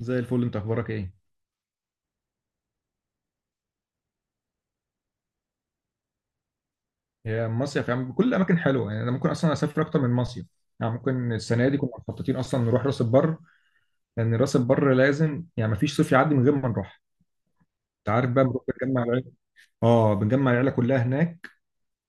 زي الفل، انت اخبارك ايه؟ يا مصيف يا عم، كل الاماكن حلوه، يعني انا ممكن اصلا اسافر اكتر من مصيف. يعني ممكن السنه دي كنا مخططين اصلا نروح راس البر. لان راس البر لازم، يعني ما فيش صيف يعدي من غير ما نروح. انت عارف بقى، بنروح بنجمع العيله. اه، بنجمع العيله كلها هناك.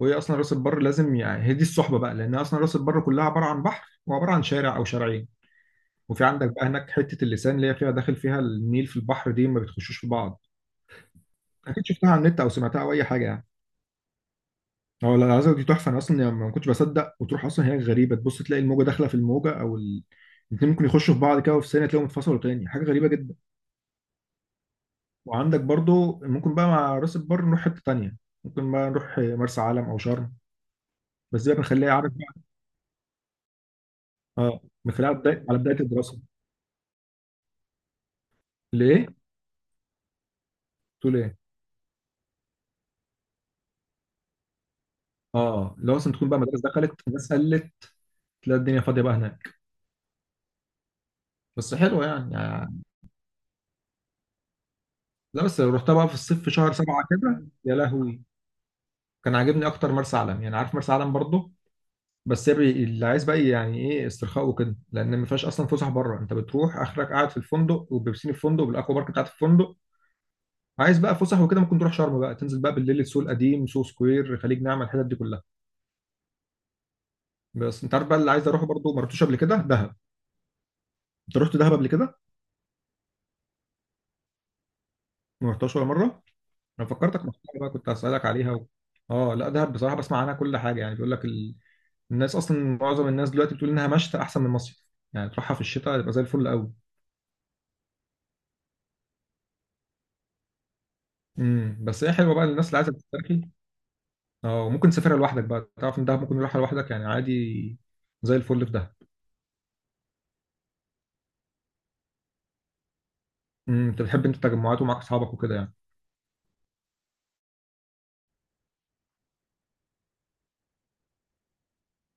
وهي اصلا راس البر لازم، يعني هي دي الصحبه بقى، لان اصلا راس البر كلها عباره عن بحر وعباره عن شارع او شارعين. وفي عندك بقى هناك حته اللسان، اللي هي فيها داخل فيها النيل في البحر، دي ما بتخشوش في بعض. اكيد شفتها على النت او سمعتها او اي حاجه يعني. اه لا، العزا دي تحفه، انا اصلا يعني ما كنتش بصدق، وتروح اصلا هناك غريبه، تبص تلاقي الموجه داخله في الموجه، او الاتنين ممكن يخشوا في بعض كده، وفي ثانيه تلاقيهم اتفصلوا تاني، حاجه غريبه جدا. وعندك برضو ممكن بقى مع راس البر نروح حته تانيه. ممكن بقى نروح مرسى علم او شرم. بس دي بقى بنخليها، عارف بقى. اه، بنخليها على بدايه الدراسه. ليه؟ تقول ايه؟ اه لو اصلا تكون بقى مدارس دخلت، الناس قلت، تلاقي الدنيا فاضيه بقى هناك. بس حلوه يعني. لا، بس لو رحتها بقى في الصيف في شهر 7 كده، يا لهوي. كان عاجبني اكتر مرسى علم، يعني عارف مرسى علم برضو. بس اللي عايز بقى يعني ايه استرخاء وكده، لان ما فيهاش اصلا فسح بره، انت بتروح اخرك قاعد في الفندق وبيبسين الفندق بالاكوا بارك بتاعت الفندق. عايز بقى فسح وكده، ممكن تروح شرم بقى، تنزل بقى بالليل السوق القديم، سوق سكوير، خليج نعمة، الحتت دي كلها. بس انت عارف بقى، اللي عايز اروحه برضه ما رحتوش قبل كده، دهب. انت رحت دهب قبل كده؟ ما رحتهاش ولا مره؟ انا فكرتك محتاج بقى، كنت هسالك عليها اه لا، دهب بصراحه بسمع عنها كل حاجه، يعني بيقول لك الناس اصلا، معظم الناس دلوقتي بتقول انها مشتى احسن من مصيف. يعني تروحها في الشتاء يبقى زي الفل قوي. بس هي حلوه بقى للناس اللي عايزه تسترخي. اه، ممكن تسافرها لوحدك بقى، تعرف ان دهب ممكن تروحها لوحدك يعني عادي. زي الفل في دهب. انت بتحب انت التجمعات ومعاك اصحابك وكده يعني.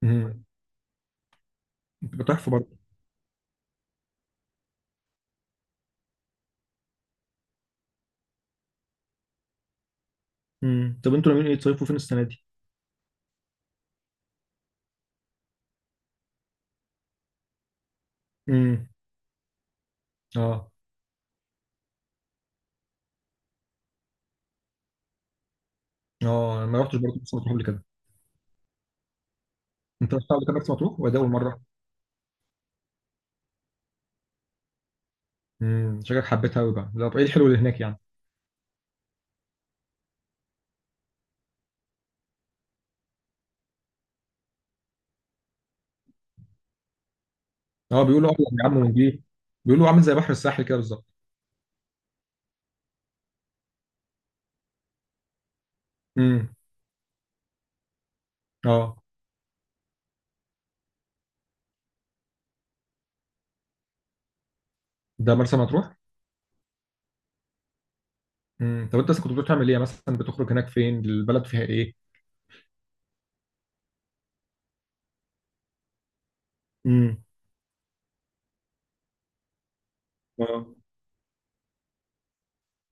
امم بتبقى تحفه برضه. طب انتوا ناويين ايه تصيفوا فين السنه دي؟ امم. اه. اه، انا ما رحتش برضه مرسى مطروح قبل كده. انت رحت قبل كده مرسى مطروح ولا ده اول مره؟ شكلك حبيتها قوي بقى. لا، طب ايه الحلو اللي هناك يعني؟ اه، بيقولوا ابيض يا عم ونجيب. بيقولوا عامل زي بحر الساحل كده بالظبط. امم. اه، ده مرسى مطروح. طب انت اصلا كنت بتعمل ايه يعني، مثلا بتخرج هناك، فين البلد فيها ايه؟ امم. اه.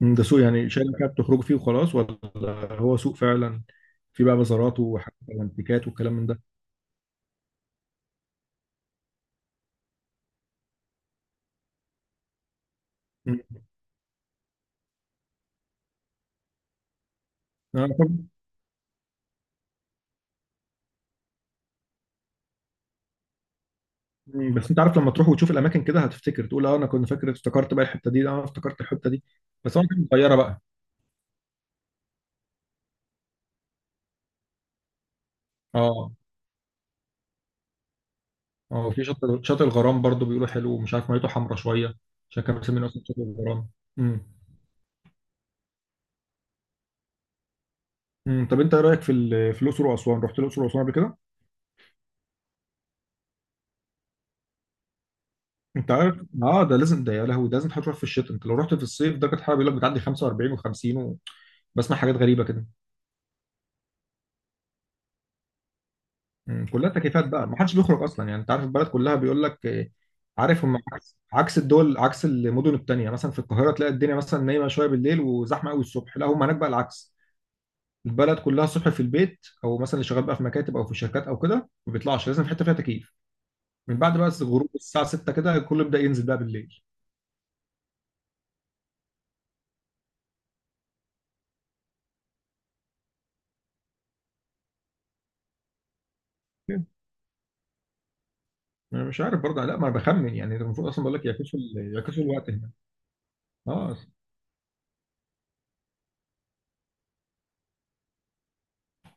ده سوق يعني شركة بتخرج فيه وخلاص، ولا هو سوق فعلا؟ في بقى بازارات وحاجات وانتيكات والكلام من ده. مم. آه، بس انت عارف، لما تروح وتشوف الاماكن كده هتفتكر، تقول اه انا كنت فاكر، افتكرت بقى الحته دي، اه افتكرت الحته دي. بس هو كانت صغيره بقى. اه، اه، في شاطئ الغرام برضو بيقولوا حلو، ومش عارف ميته حمرا شويه، عشان كانوا مسمينه اصلا شاطئ الغرام. امم. امم، طب انت ايه رايك في الاقصر واسوان؟ رحت الاقصر واسوان قبل كده؟ انت عارف، اه ده لازم، ده يا لهوي، ده لازم تروح في الشتاء. انت لو رحت في الصيف درجه الحراره بيقول لك بتعدي 45 و50. بسمع حاجات غريبه كده. مم. كلها تكييفات بقى، ما حدش بيخرج اصلا يعني، انت عارف البلد كلها، بيقول لك آه، عارف، هم عكس الدول، عكس المدن التانية، مثلا في القاهره تلاقي الدنيا مثلا نايمه شويه بالليل وزحمه قوي الصبح. لا، هم هناك بقى العكس. البلد كلها الصبح في البيت، او مثلا اللي شغال بقى في مكاتب او في شركات او كده ما بيطلعش، لازم في حته فيها تكييف. من بعد بقى غروب الساعه 6 كده، الكل يبدا ينزل بقى بالليل. انا مش عارف برضه، لا ما انا بخمن يعني، ده المفروض اصلا، بقول لك يعكسوا يعكسوا الوقت هنا. اه.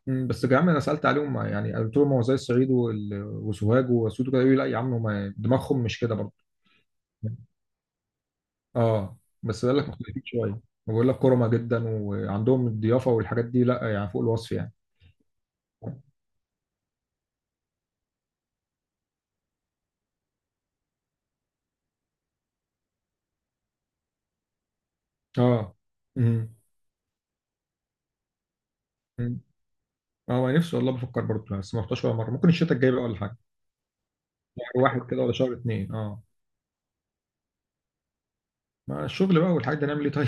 بس يا عم انا سالت عليهم، يعني قلت لهم هو زي الصعيد وسوهاج واسيوط كده، يقولوا لي لا يا عم، هم دماغهم مش كده برضه. اه، بس قال لك مختلفين شويه. بقول لك كرمه جدا، وعندهم الضيافه والحاجات دي، لا يعني فوق الوصف يعني. اه. امم. أمم. اه، ما نفسي والله، بفكر برضه بس ما رحتش ولا مره، ممكن الشتاء الجاي بقى ولا حاجه. شهر واحد كده ولا شهر اتنين، اه. ما الشغل بقى والحاجات دي، نعمل ايه طيب؟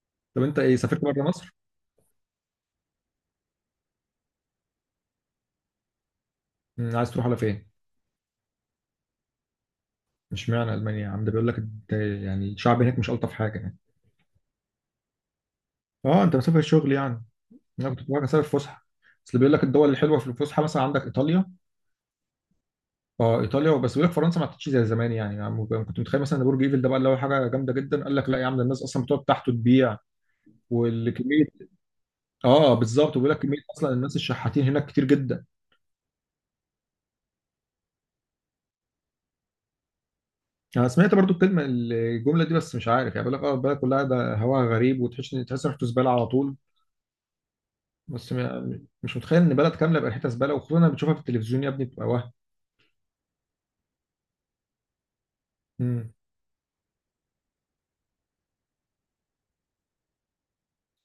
طب انت ايه، سافرت بره مصر؟ عايز تروح على فين؟ مش معنى المانيا يا عم، ده بيقول لك يعني الشعب هناك مش الطف حاجه يعني. اه، انت مسافر شغل يعني؟ انا كنت بتفرج على سبب الفسحه. اصل بيقول لك الدول الحلوه في الفسحه، مثلا عندك ايطاليا. اه ايطاليا، بس بيقول لك فرنسا ما عادتش زي زمان يعني، كنت متخيل مثلا ان برج ايفل ده بقى اللي هو حاجه جامده جدا، قال لك لا يا عم، ده الناس اصلا بتقعد تحته تبيع، والكميه. اه بالظبط، وبيقول لك كميه اصلا، الناس الشحاتين هناك كتير جدا. انا سمعت برضو الكلمه، الجمله دي، بس مش عارف يعني. بيقول لك اه البلد كلها ده هواها غريب، وتحس ان تحس إن ريحته زباله على طول. بس مش متخيل ان بلد كامله بقى ريحتها زباله، وخصوصا لما بتشوفها في التلفزيون يا ابني بتبقى وهم. مم.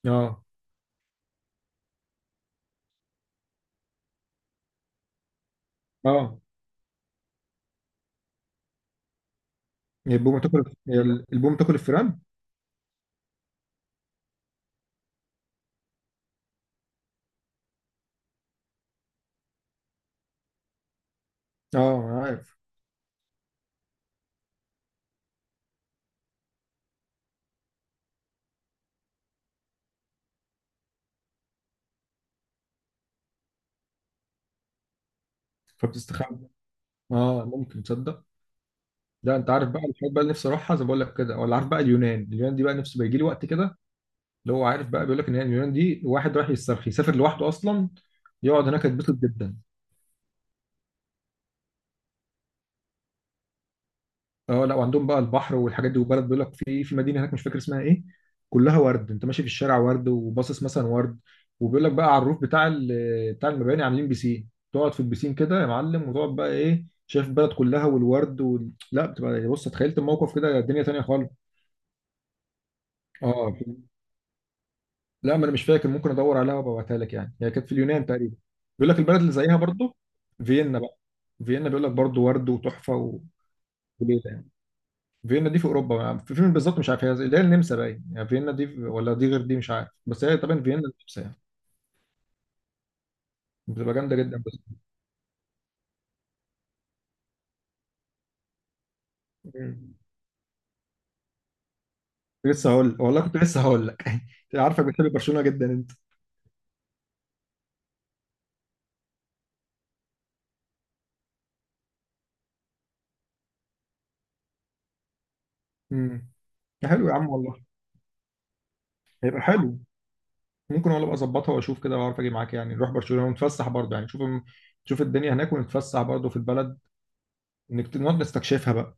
اه، اه، البومه تاكل البومه تاكل الفيران. اه عارف. فبتستخبى. اه، ممكن تصدق. ده انت عارف بقى الحاجات بقى اللي نفسي اروحها زي ما بقول لك كده، ولا عارف بقى، اليونان دي بقى نفسي بيجي لي وقت كده. اللي هو عارف بقى، بيقول لك ان هي اليونان دي، واحد رايح يسترخي يسافر لوحده اصلا، يقعد هناك يتبسط جدا. اه لا، وعندهم بقى البحر والحاجات دي، وبلد بيقول لك، في مدينه هناك مش فاكر اسمها ايه، كلها ورد، انت ماشي في الشارع ورد، وباصص مثلا ورد. وبيقول لك بقى على الروف بتاع المباني عاملين بيسين، تقعد في البيسين كده يا معلم، وتقعد بقى ايه، شايف البلد كلها والورد لا بتبقى يعني، بص تخيلت الموقف كده الدنيا تانية خالص. اه لا، ما انا مش فاكر، ممكن ادور عليها وابعتها لك يعني، هي كانت في اليونان تقريبا. بيقول لك البلد اللي زيها برضو. فيينا بقى. فيينا بيقول لك برضو ورد وتحفه وليله يعني. فيينا دي في اوروبا يعني، في فين بالظبط مش عارف، هي اللي هي النمسا باين يعني، فيينا دي ولا دي غير دي، مش عارف، بس هي طبعا فيينا النمسا يعني. بتبقى جامده جدا بس. مم. لسه هقول لك والله، كنت لسه هقول لك عارفك بتحب برشلونه جدا انت. امم يا حلو يا عم والله. هيبقى حلو. ممكن والله ابقى اظبطها واشوف كده، واعرف اجي معاك يعني، نروح برشلونه ونتفسح برضه يعني، نشوف الدنيا هناك ونتفسح برضه في البلد، نقعد نستكشفها بقى.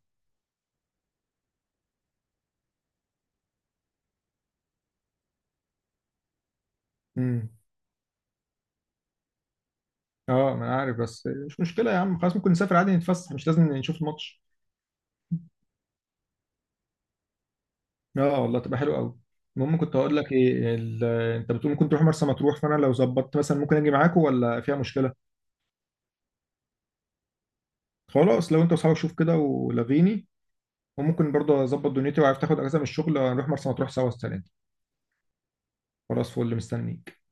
امم، اه، ما انا عارف، بس مش مشكله يا عم خلاص، ممكن نسافر عادي نتفسح، مش لازم نشوف الماتش. اه، آه، والله تبقى حلو قوي. المهم كنت هقول لك ايه انت بتقول ممكن تروح مرسى مطروح، فانا لو ظبطت مثلا ممكن اجي معاكم ولا فيها مشكله؟ خلاص لو انت واصحابك، شوف كده ولغيني. وممكن برضه اظبط دنيتي، وعارف تاخد اجازه من الشغل هنروح مرسى مطروح سوا السنه دي. خلاص، فل مستنيك.